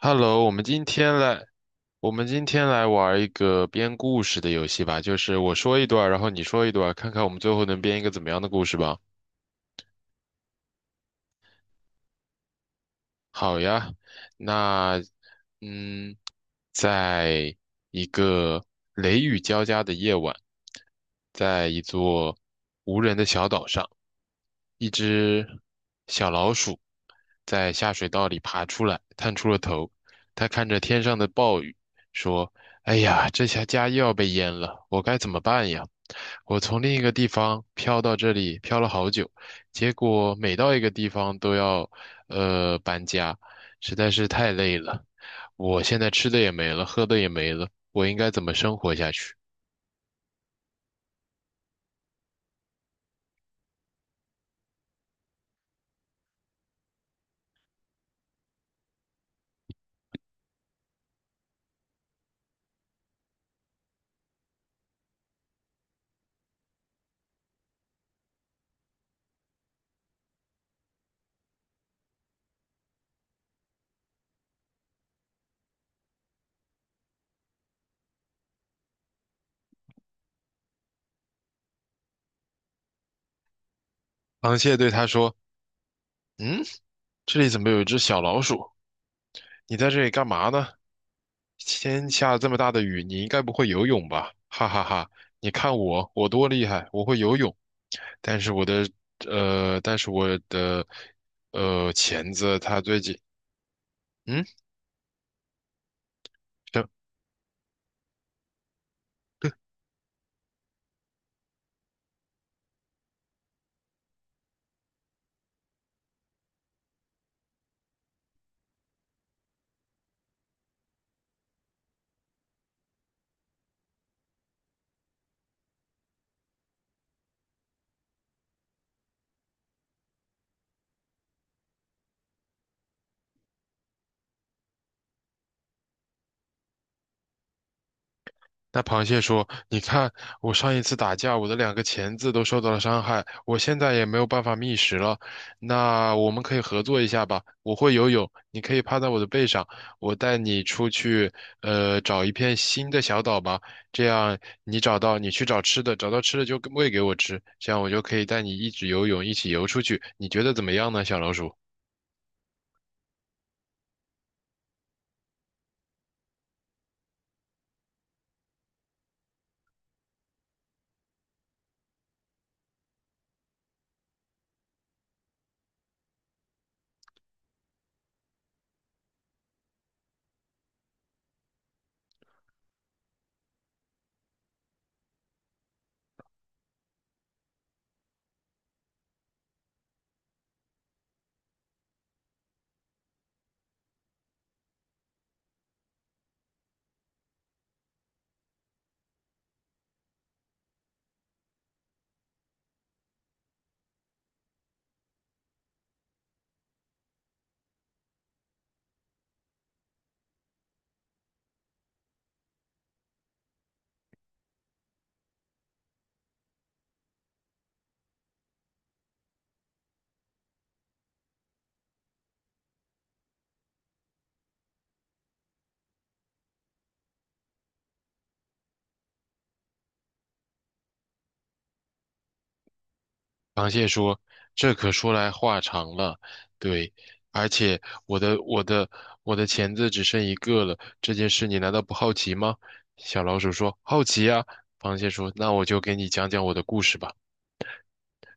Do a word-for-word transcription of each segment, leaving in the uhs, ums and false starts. Hello，我们今天来，我们今天来玩一个编故事的游戏吧，就是我说一段儿然后你说一段儿看看我们最后能编一个怎么样的故事吧。好呀，那嗯，在一个雷雨交加的夜晚，在一座无人的小岛上，一只小老鼠在下水道里爬出来，探出了头。它看着天上的暴雨，说：“哎呀，这下家又要被淹了，我该怎么办呀？我从另一个地方飘到这里，飘了好久。”结果每到一个地方都要呃搬家，实在是太累了。我现在吃的也没了，喝的也没了，我应该怎么生活下去？螃蟹对他说：“嗯，这里怎么有一只小老鼠？你在这里干嘛呢？天下这么大的雨，你应该不会游泳吧？哈哈哈！你看我，我多厉害，我会游泳。但是我的呃，但是我的呃钳子它最近……嗯，那螃蟹说：“你看，我上一次打架，我的两个钳子都受到了伤害，我现在也没有办法觅食了。那我们可以合作一下吧？我会游泳，你可以趴在我的背上，我带你出去，呃，找一片新的小岛吧。这样你找到，你去找吃的，找到吃的就喂给我吃，这样我就可以带你一直游泳，一起游出去。你觉得怎么样呢，小老鼠？”螃蟹说：“这可说来话长了，对，而且我的我的我的钳子只剩一个了，这件事你难道不好奇吗？”小老鼠说：“好奇呀。”螃蟹说：“那我就给你讲讲我的故事吧。”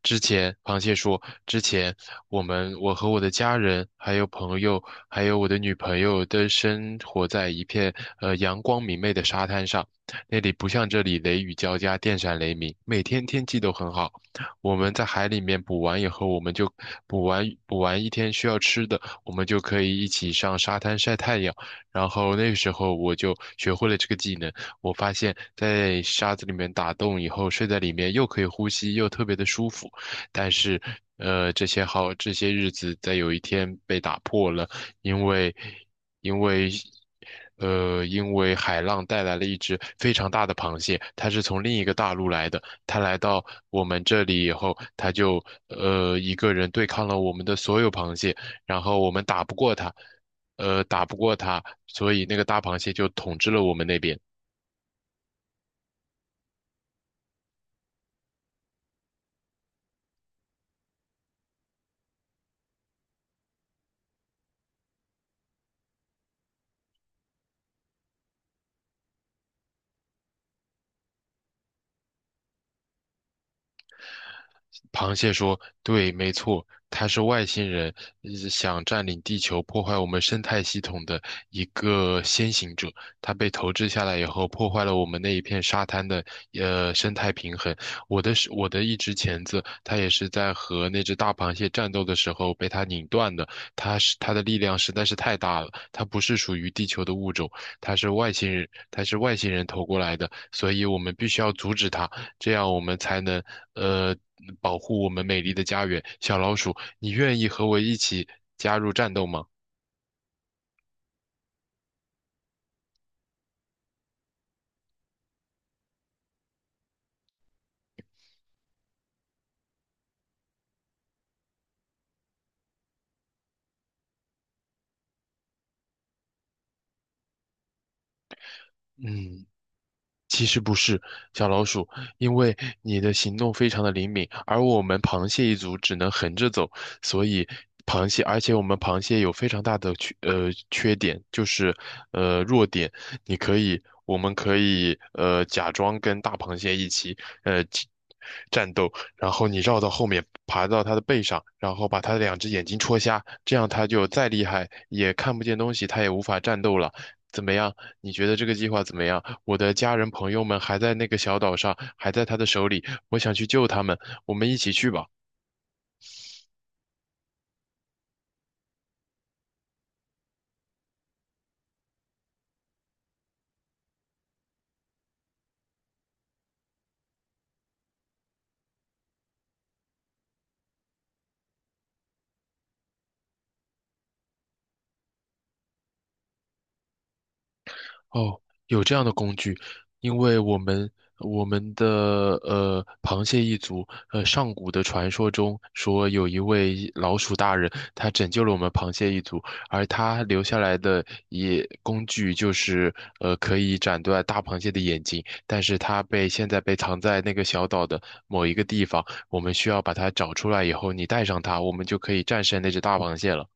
之前，螃蟹说，之前我们我和我的家人，还有朋友，还有我的女朋友都生活在一片呃阳光明媚的沙滩上，那里不像这里雷雨交加，电闪雷鸣，每天天气都很好。我们在海里面捕完以后，我们就捕完捕完一天需要吃的，我们就可以一起上沙滩晒太阳。然后那个时候我就学会了这个技能。我发现，在沙子里面打洞以后，睡在里面又可以呼吸，又特别的舒服。但是，呃，这些好，这些日子在有一天被打破了，因为，因为，呃，因为海浪带来了一只非常大的螃蟹，它是从另一个大陆来的。它来到我们这里以后，它就呃一个人对抗了我们的所有螃蟹，然后我们打不过它，呃，打不过它，所以那个大螃蟹就统治了我们那边。螃蟹说：“对，没错，它是外星人，呃想占领地球，破坏我们生态系统的一个先行者。它被投掷下来以后，破坏了我们那一片沙滩的呃生态平衡。我的是我的一只钳子，它也是在和那只大螃蟹战斗的时候被它拧断的。它是它的力量实在是太大了，它不是属于地球的物种，它是外星人，它是外星人投过来的，所以我们必须要阻止它。这样我们才能呃保护我们美丽的家园。小老鼠，你愿意和我一起加入战斗吗？嗯。其实不是小老鼠，因为你的行动非常的灵敏，而我们螃蟹一族只能横着走，所以螃蟹，而且我们螃蟹有非常大的缺呃缺点，就是呃弱点，你可以，我们可以呃假装跟大螃蟹一起呃起战斗，然后你绕到后面爬到它的背上，然后把它的两只眼睛戳瞎，这样它就再厉害也看不见东西，它也无法战斗了，怎么样？你觉得这个计划怎么样？我的家人朋友们还在那个小岛上，还在他的手里，我想去救他们，我们一起去吧。哦，有这样的工具，因为我们我们的呃螃蟹一族，呃上古的传说中说有一位老鼠大人，他拯救了我们螃蟹一族，而他留下来的也工具就是呃可以斩断大螃蟹的眼睛，但是它被现在被藏在那个小岛的某一个地方，我们需要把它找出来以后，你带上它，我们就可以战胜那只大螃蟹了。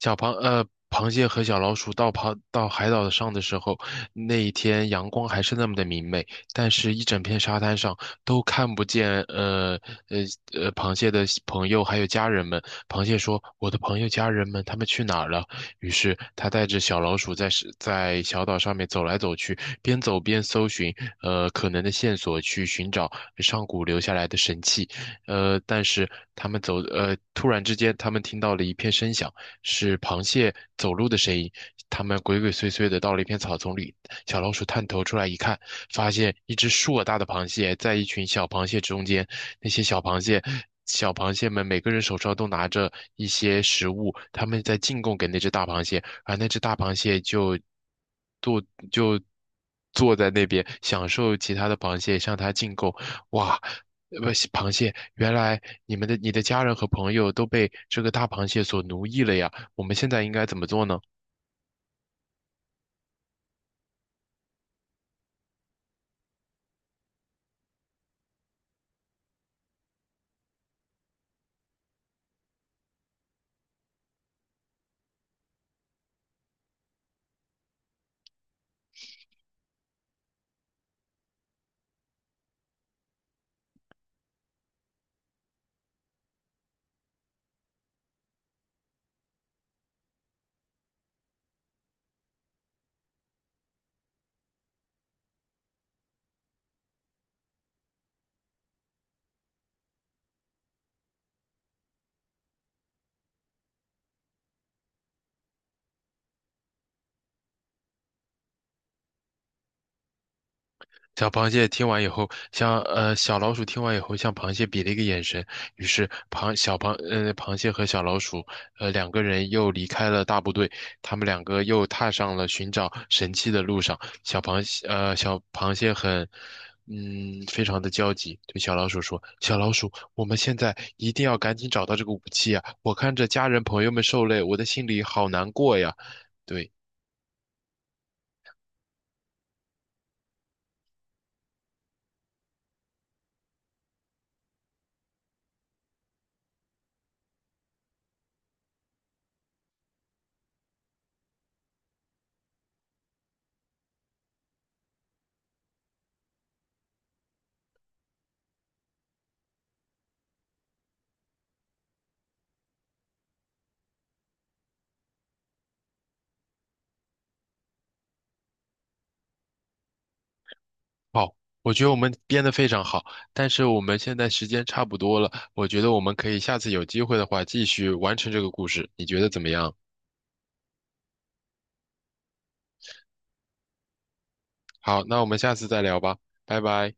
小螃呃，螃蟹和小老鼠到螃到海岛上的时候，那一天阳光还是那么的明媚，但是一整片沙滩上都看不见呃呃呃螃蟹的朋友还有家人们。螃蟹说：“我的朋友家人们他们去哪儿了？”于是他带着小老鼠在是在小岛上面走来走去，边走边搜寻呃可能的线索，去寻找上古留下来的神器。呃，但是他们走，呃，突然之间，他们听到了一片声响，是螃蟹走路的声音。他们鬼鬼祟祟的到了一片草丛里，小老鼠探头出来一看，发现一只硕大的螃蟹在一群小螃蟹中间。那些小螃蟹，小螃蟹们每个人手上都拿着一些食物，他们在进贡给那只大螃蟹，而那只大螃蟹就坐就坐在那边享受其他的螃蟹向它进贡。哇！呃不螃蟹，原来你们的你的家人和朋友都被这个大螃蟹所奴役了呀，我们现在应该怎么做呢？小螃蟹听完以后，像呃小老鼠听完以后，向螃蟹比了一个眼神，于是螃小螃呃螃蟹和小老鼠呃两个人又离开了大部队，他们两个又踏上了寻找神器的路上。小螃蟹呃小螃蟹很嗯非常的焦急，对小老鼠说：“小老鼠，我们现在一定要赶紧找到这个武器啊！我看着家人朋友们受累，我的心里好难过呀。”对。好，我觉得我们编得非常好，但是我们现在时间差不多了，我觉得我们可以下次有机会的话继续完成这个故事，你觉得怎么样？好，那我们下次再聊吧，拜拜。